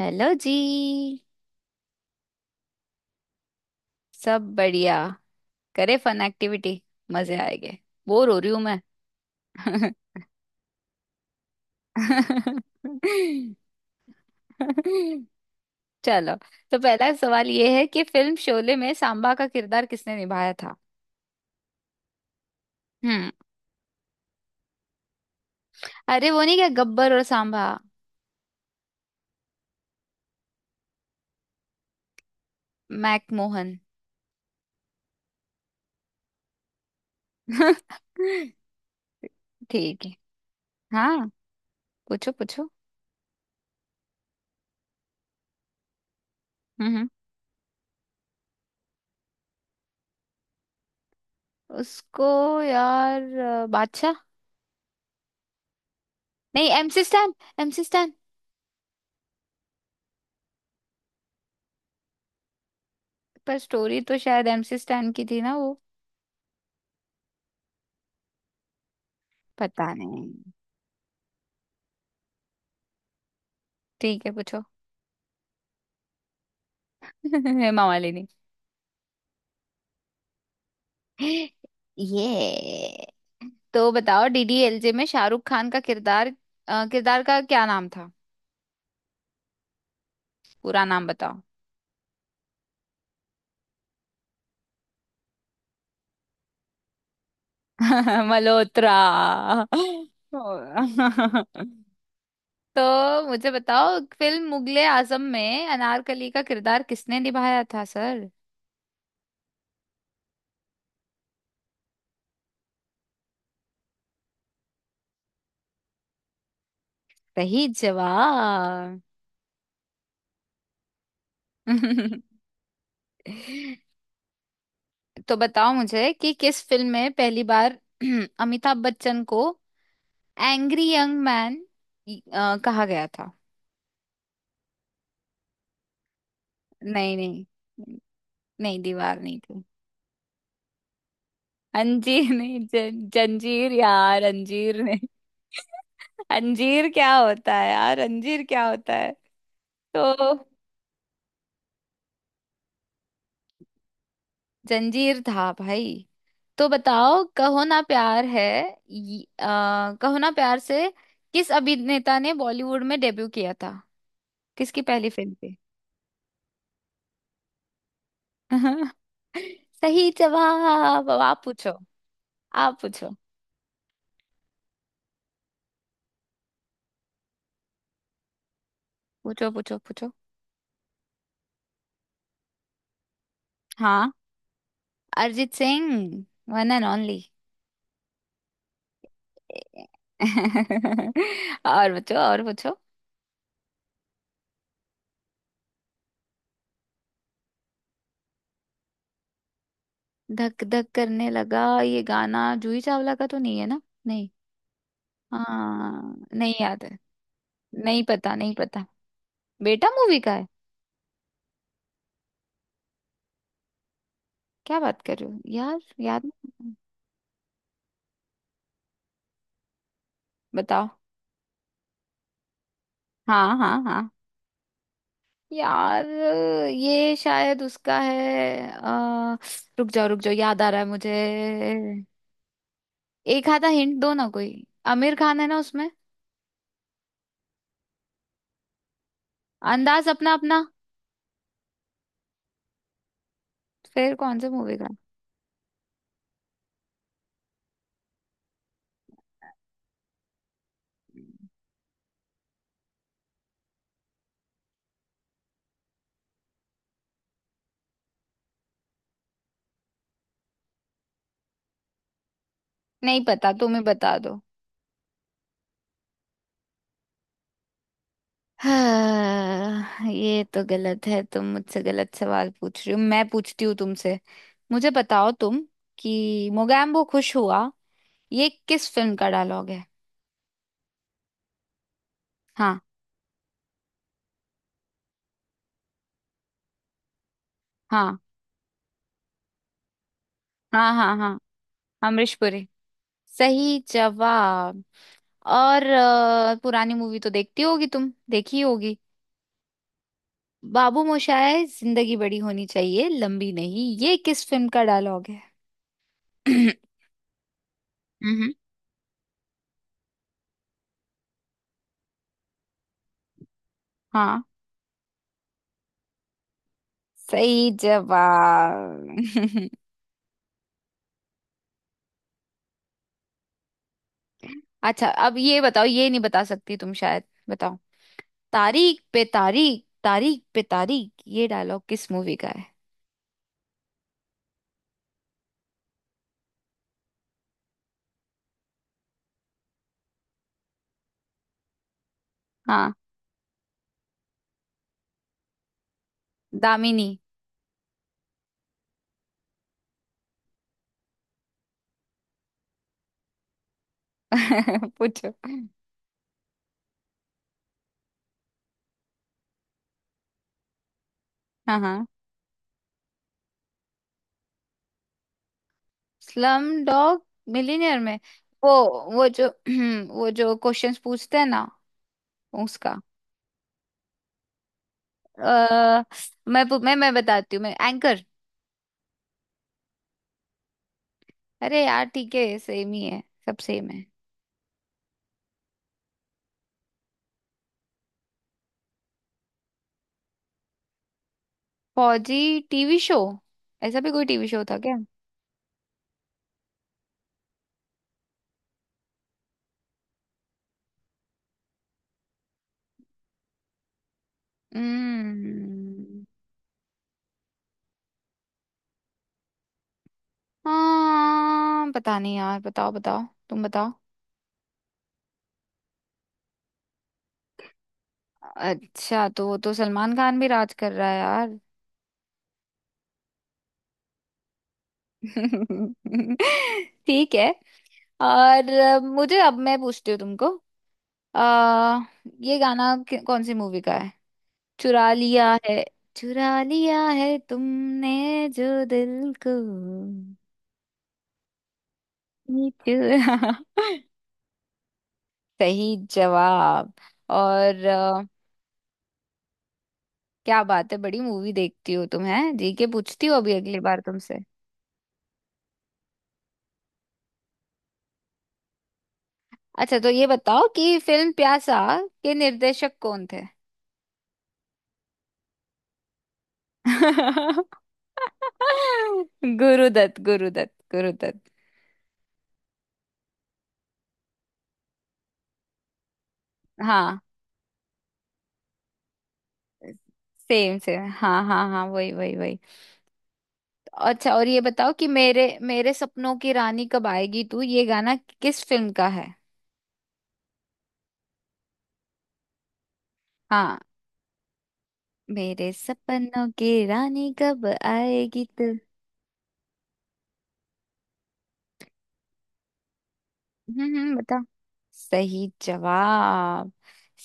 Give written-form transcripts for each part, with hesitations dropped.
Hello जी। सब बढ़िया। करे फन एक्टिविटी। मजे आएंगे। बोर हो रही हूं मैं। चलो, तो पहला सवाल ये है कि फिल्म शोले में सांबा का किरदार किसने निभाया था। हम्म। अरे वो नहीं, क्या गब्बर और सांबा। मैकमोहन। ठीक है। हाँ, पूछो पूछो। हम्म हम्म। उसको, यार बादशाह। नहीं, एमसी स्टैन। MC Stan. पर स्टोरी तो शायद एमसी स्टैन की थी ना वो। पता नहीं। ठीक है पूछो। हेमा मालिनी। ये, तो बताओ डीडीएलजे में शाहरुख खान का किरदार, किरदार का क्या नाम था। पूरा नाम बताओ। मल्होत्रा। तो मुझे बताओ फिल्म मुगले आजम में अनारकली का किरदार किसने निभाया था सर। सही जवाब। तो बताओ मुझे कि किस फिल्म में पहली बार अमिताभ बच्चन को एंग्री यंग मैन कहा गया था। नहीं नहीं। नहीं दीवार नहीं थी। अंजीर नहीं जंजीर, यार अंजीर नहीं। अंजीर क्या होता है यार, अंजीर क्या होता है। तो जंजीर था भाई। तो बताओ कहो ना प्यार है। कहो ना प्यार से किस अभिनेता ने बॉलीवुड में डेब्यू किया था। किसकी पहली फिल्म थी। सही जवाब, अब आप पूछो। आप पूछो। पूछो पूछो पूछो। हाँ, Arijit Singh. One and only. और पूछो और पूछो। धक धक करने लगा, ये गाना जूही चावला का तो नहीं है ना। नहीं। हाँ, नहीं याद है। नहीं पता, नहीं पता। बेटा मूवी का है। क्या बात कर रहे हो यार। याद नहीं। बताओ। हाँ हाँ हाँ। यार ये शायद उसका है, रुक जाओ रुक जाओ, याद आ रहा है मुझे। एक आधा हिंट दो ना कोई। आमिर खान है ना उसमें। अंदाज अपना अपना। फिर कौन से मूवी का। नहीं पता, तुम ही बता दो। हाँ, ये तो गलत है। तुम मुझसे गलत सवाल पूछ रही हो। मैं पूछती हूँ तुमसे। मुझे बताओ तुम कि मोगैम्बो खुश हुआ, ये किस फिल्म का डायलॉग है। हाँ। हाँ हाँ हाँ। हाँ, अमरीश पुरी। सही जवाब। और पुरानी मूवी तो देखती होगी तुम, देखी होगी। बाबू मोशाय जिंदगी बड़ी होनी चाहिए लंबी नहीं, ये किस फिल्म का डायलॉग है। हम्म। हाँ। सही जवाब। अच्छा अब ये बताओ, ये नहीं बता सकती तुम शायद। बताओ। तारीख पे तारीख, तारीख पे तारीख, ये डायलॉग किस मूवी का है। हाँ, दामिनी। पूछो। हाँ हाँ। स्लम डॉग मिलियनेयर में वो वो जो वो जो क्वेश्चंस पूछते हैं ना, उसका। अ, मैं मैं बताती हूँ, मैं एंकर। अरे यार ठीक है, सेम ही है। सब सेम है। फौजी टीवी शो, ऐसा भी कोई टीवी शो था क्या। हम्म। हाँ पता नहीं यार, बताओ बताओ। तुम बताओ। अच्छा, तो वो तो सलमान खान भी राज कर रहा है यार। ठीक है। और मुझे, अब मैं पूछती हूँ तुमको। आ, ये गाना कौन सी मूवी का है। चुरा लिया है, चुरा लिया है तुमने जो दिल को। ये चुरा सही जवाब। और क्या बात है, बड़ी मूवी देखती हो तुम, है जी के पूछती हो। अभी अगली बार तुमसे। अच्छा, तो ये बताओ कि फिल्म प्यासा के निर्देशक कौन थे। गुरुदत्त, गुरुदत्त, गुरुदत्त। हाँ, सेम सेम, हाँ हाँ हाँ, वही वही वही। अच्छा और ये बताओ कि मेरे मेरे सपनों की रानी कब आएगी तू, ये गाना किस फिल्म का है। हाँ, मेरे सपनों की रानी कब आएगी तू। बता। सही जवाब,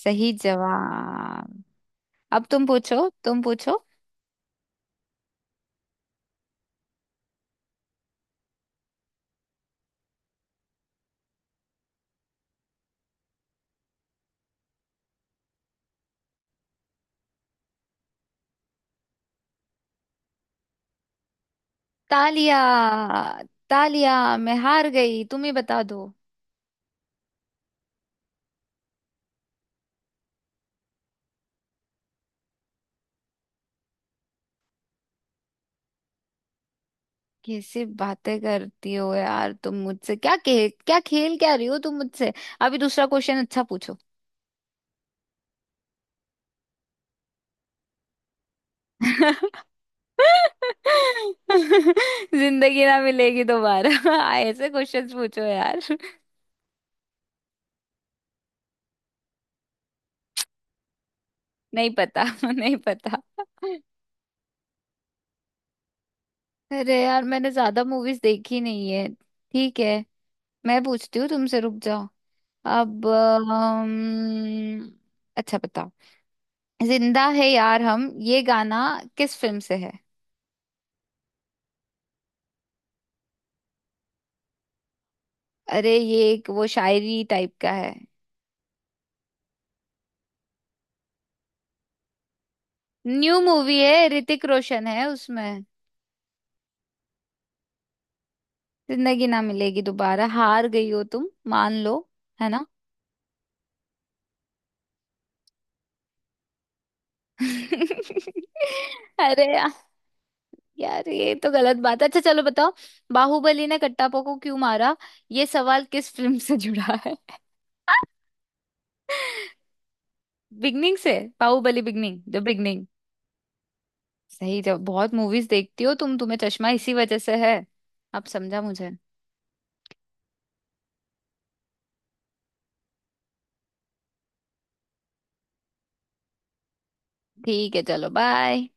सही जवाब। अब तुम पूछो तुम पूछो। तालिया। तालिया, मैं हार गई, तुम ही बता दो। कैसे बातें करती हो यार तुम मुझसे, क्या खेल क्या खेल क्या रही हो तुम मुझसे। अभी दूसरा क्वेश्चन अच्छा पूछो। जिंदगी ना मिलेगी दोबारा। ऐसे क्वेश्चंस पूछो यार। नहीं पता, नहीं पता। अरे यार मैंने ज्यादा मूवीज देखी नहीं है। ठीक है। मैं पूछती हूँ तुमसे, रुक जाओ। अब अच्छा बताओ, जिंदा है यार हम, ये गाना किस फिल्म से है। अरे ये एक वो शायरी टाइप का है। न्यू मूवी है, ऋतिक रोशन है उसमें। जिंदगी ना मिलेगी दोबारा। हार गई हो तुम, मान लो, है ना। अरे यार। यार ये तो गलत बात है। अच्छा चलो बताओ, बाहुबली ने कट्टापा को क्यों मारा, ये सवाल किस फिल्म से जुड़ा है। बिगनिंग से। Baahubali beginning, the beginning. सही जब बहुत मूवीज देखती हो तुम, तुम्हें चश्मा इसी वजह से है। अब समझा मुझे। ठीक है चलो, बाय।